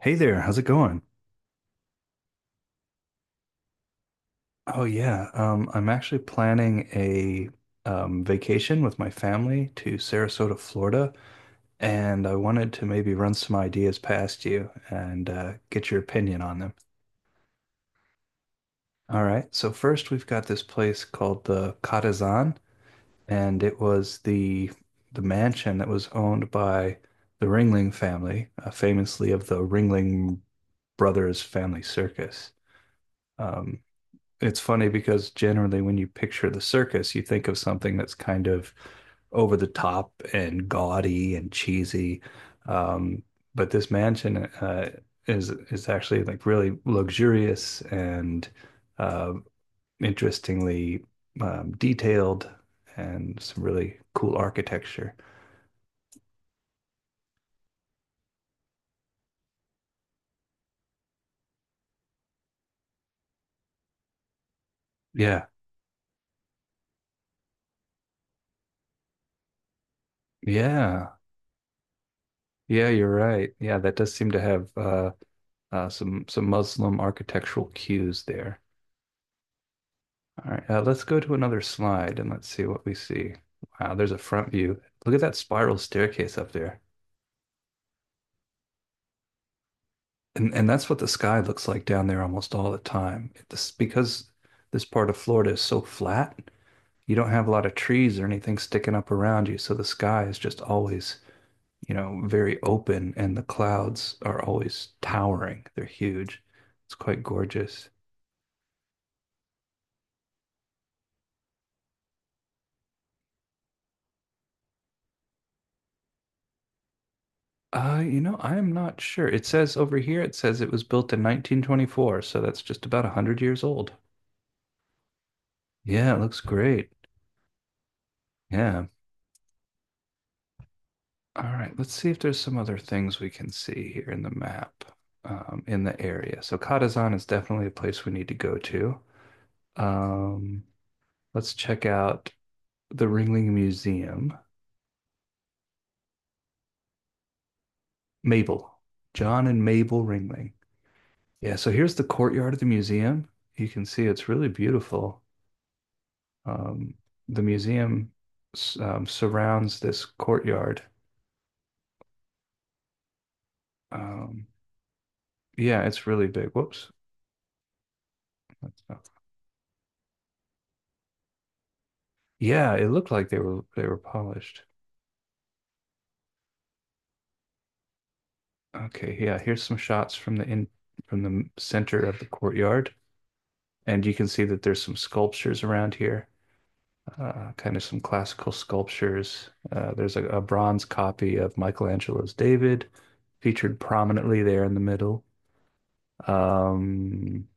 Hey there, how's it going? Oh yeah, I'm actually planning a vacation with my family to Sarasota, Florida, and I wanted to maybe run some ideas past you and get your opinion on them. All right, so first we've got this place called the Catazan, and it was the mansion that was owned by the Ringling family, famously of the Ringling Brothers Family Circus. Um, it's funny because generally when you picture the circus, you think of something that's kind of over the top and gaudy and cheesy. Um, but this mansion is actually like really luxurious and uh, interestingly detailed and some really cool architecture. Yeah, yeah, yeah. You're right. Yeah, that does seem to have some Muslim architectural cues there. All right, let's go to another slide and let's see what we see. Wow, there's a front view. Look at that spiral staircase up there. And that's what the sky looks like down there almost all the time. This because this part of Florida is so flat, you don't have a lot of trees or anything sticking up around you, so the sky is just always, very open and the clouds are always towering. They're huge. It's quite gorgeous. You know, I'm not sure. It says over here, it says it was built in 1924, so that's just about 100 years old. Yeah, it looks great. Yeah. All right, let's see if there's some other things we can see here in the map, in the area. So Katazan is definitely a place we need to go to. Um, let's check out the Ringling Museum. Mabel, John and Mabel Ringling. Yeah, so here's the courtyard of the museum. You can see it's really beautiful. um, the museum surrounds this courtyard. Um, yeah, it's really big. Whoops. That's not- Yeah, it looked like they were polished. Okay, yeah, here's some shots from the center of the courtyard, and you can see that there's some sculptures around here. Kind of some classical sculptures. There's a bronze copy of Michelangelo's David featured prominently there in the middle. Um,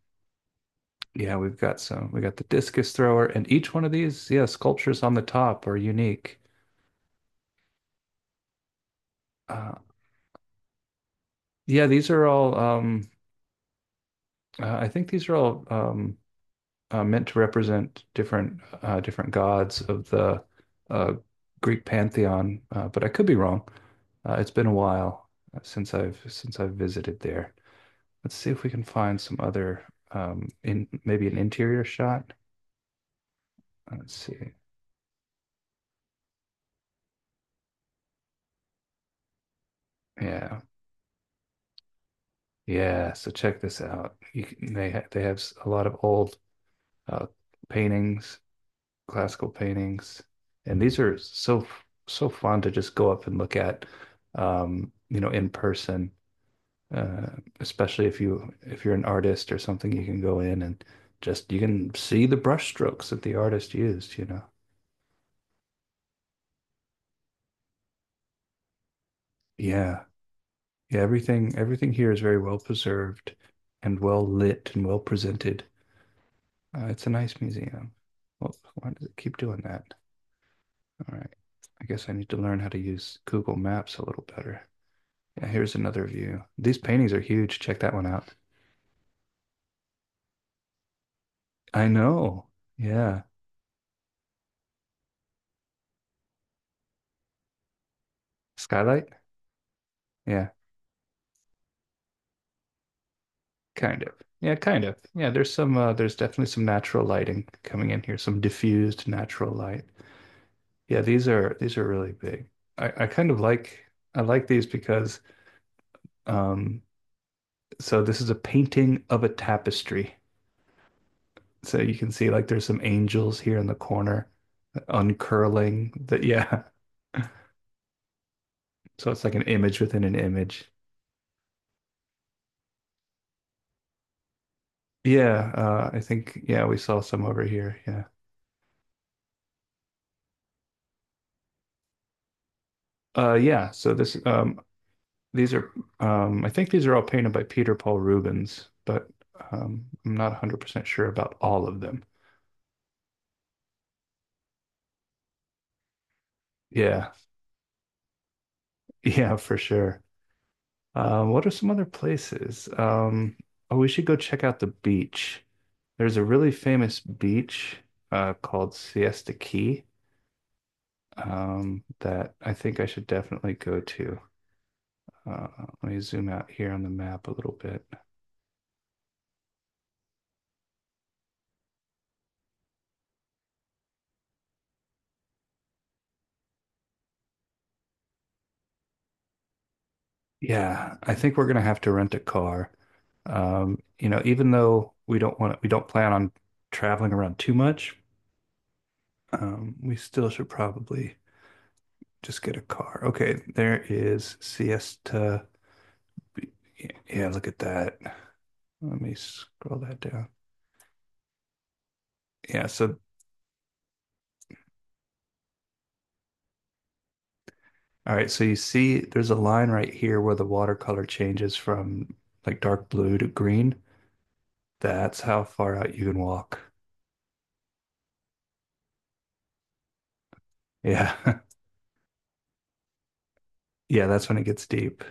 Yeah, we've got some. We got the discus thrower, and each one of these, yeah, sculptures on the top are unique. Uh, yeah, these are all. I think these are all meant to represent different different gods of the uh, Greek pantheon, but I could be wrong. It's been a while since I've visited there. Let's see if we can find some other in maybe an interior shot. Let's see. Yeah, yeah, so check this out. You can, they ha they have a lot of old uh, paintings, classical paintings, and these are so fun to just go up and look at, in person. Uh, especially if you if you're an artist or something, you can go in and just you can see the brush strokes that the artist used, you know. Yeah, yeah. Everything here is very well preserved, and well lit and well presented. It's a nice museum. Well, why does it keep doing that? All right. I guess I need to learn how to use Google Maps a little better. Yeah, here's another view. These paintings are huge. Check that one out. I know. Yeah. Skylight? Yeah, kind of. Yeah, kind of. Yeah, there's some there's definitely some natural lighting coming in here, some diffused natural light. Yeah, these are really big. I kind of like I like these because um so this is a painting of a tapestry. So you can see like there's some angels here in the corner uncurling that yeah. So it's like an image within an image. Yeah, I think yeah, we saw some over here. Yeah. Yeah, so this these are I think these are all painted by Peter Paul Rubens, but I'm not 100% sure about all of them. Yeah. Yeah, for sure. What are some other places? Oh, we should go check out the beach. There's a really famous beach called Siesta Key that I think I should definitely go to. Uh, let me zoom out here on the map a little bit. Yeah, I think we're gonna have to rent a car. You know, even though we don't plan on traveling around too much, we still should probably just get a car. Okay, there is Siesta. Yeah, yeah, look at that. Let me scroll that down. Yeah, so all right, so you see there's a line right here where the watercolor changes from like dark blue to green. That's how far out you can walk. Yeah. yeah, that's when it gets deep.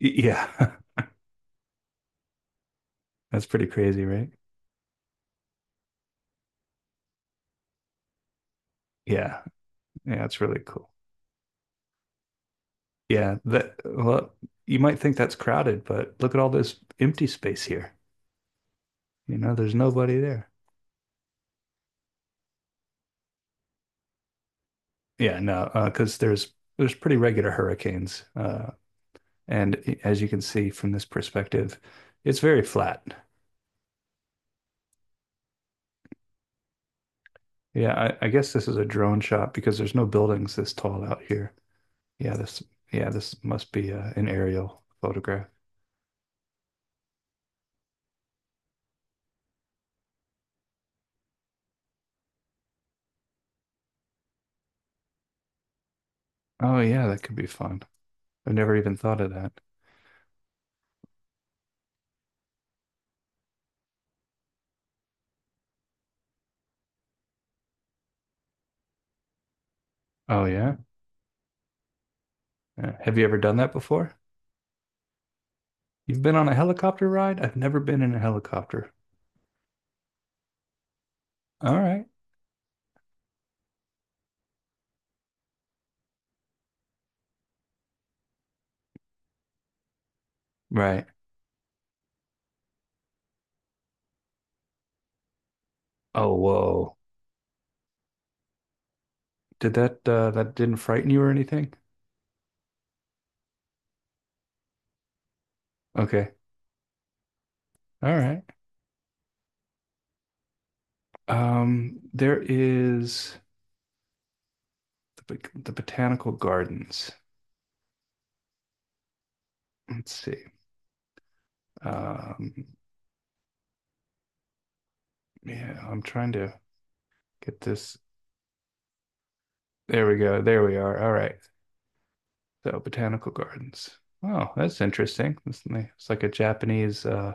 Yeah, that's pretty crazy, right? Yeah, yeah, it's really cool. Yeah, that well, you might think that's crowded, but look at all this empty space here. You know, there's nobody there. Yeah, no, 'cause there's pretty regular hurricanes, and as you can see from this perspective, it's very flat. Yeah, I guess this is a drone shot because there's no buildings this tall out here. Yeah, this yeah, this must be an aerial photograph. Oh yeah, that could be fun. I've never even thought of that. Oh yeah? Yeah. Have you ever done that before? You've been on a helicopter ride? I've never been in a helicopter. All right. Right. Oh, whoa. Did that didn't frighten you or anything? Okay. All right. There is the botanical gardens. Let's see. Um, yeah, I'm trying to get this. There we go. There we are. All right. So botanical gardens. Oh, that's interesting. It's it's like a Japanese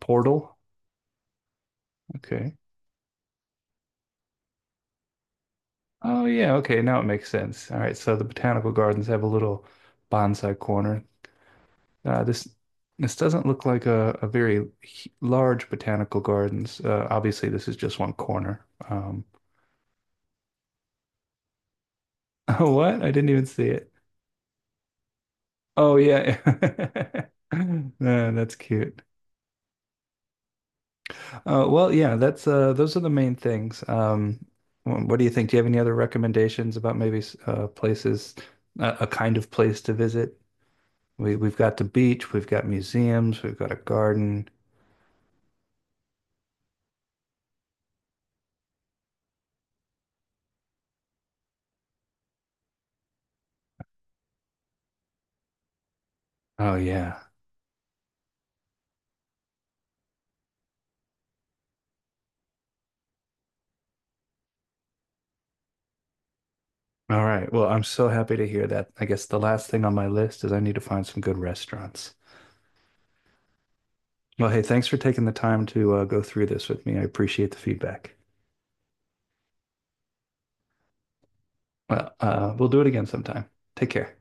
portal. Okay. Oh yeah, okay, now it makes sense. All right, so the botanical gardens have a little bonsai corner. This this doesn't look like a very large botanical gardens. Obviously, this is just one corner. Oh, what? I didn't even see it. Oh yeah. That's cute. Well, yeah, that's those are the main things. What do you think? Do you have any other recommendations about maybe places, a kind of place to visit? We've got the beach, we've got museums, we've got a garden. Oh yeah. All right. Well, I'm so happy to hear that. I guess the last thing on my list is I need to find some good restaurants. Well, hey, thanks for taking the time to go through this with me. I appreciate the feedback. Well, we'll do it again sometime. Take care.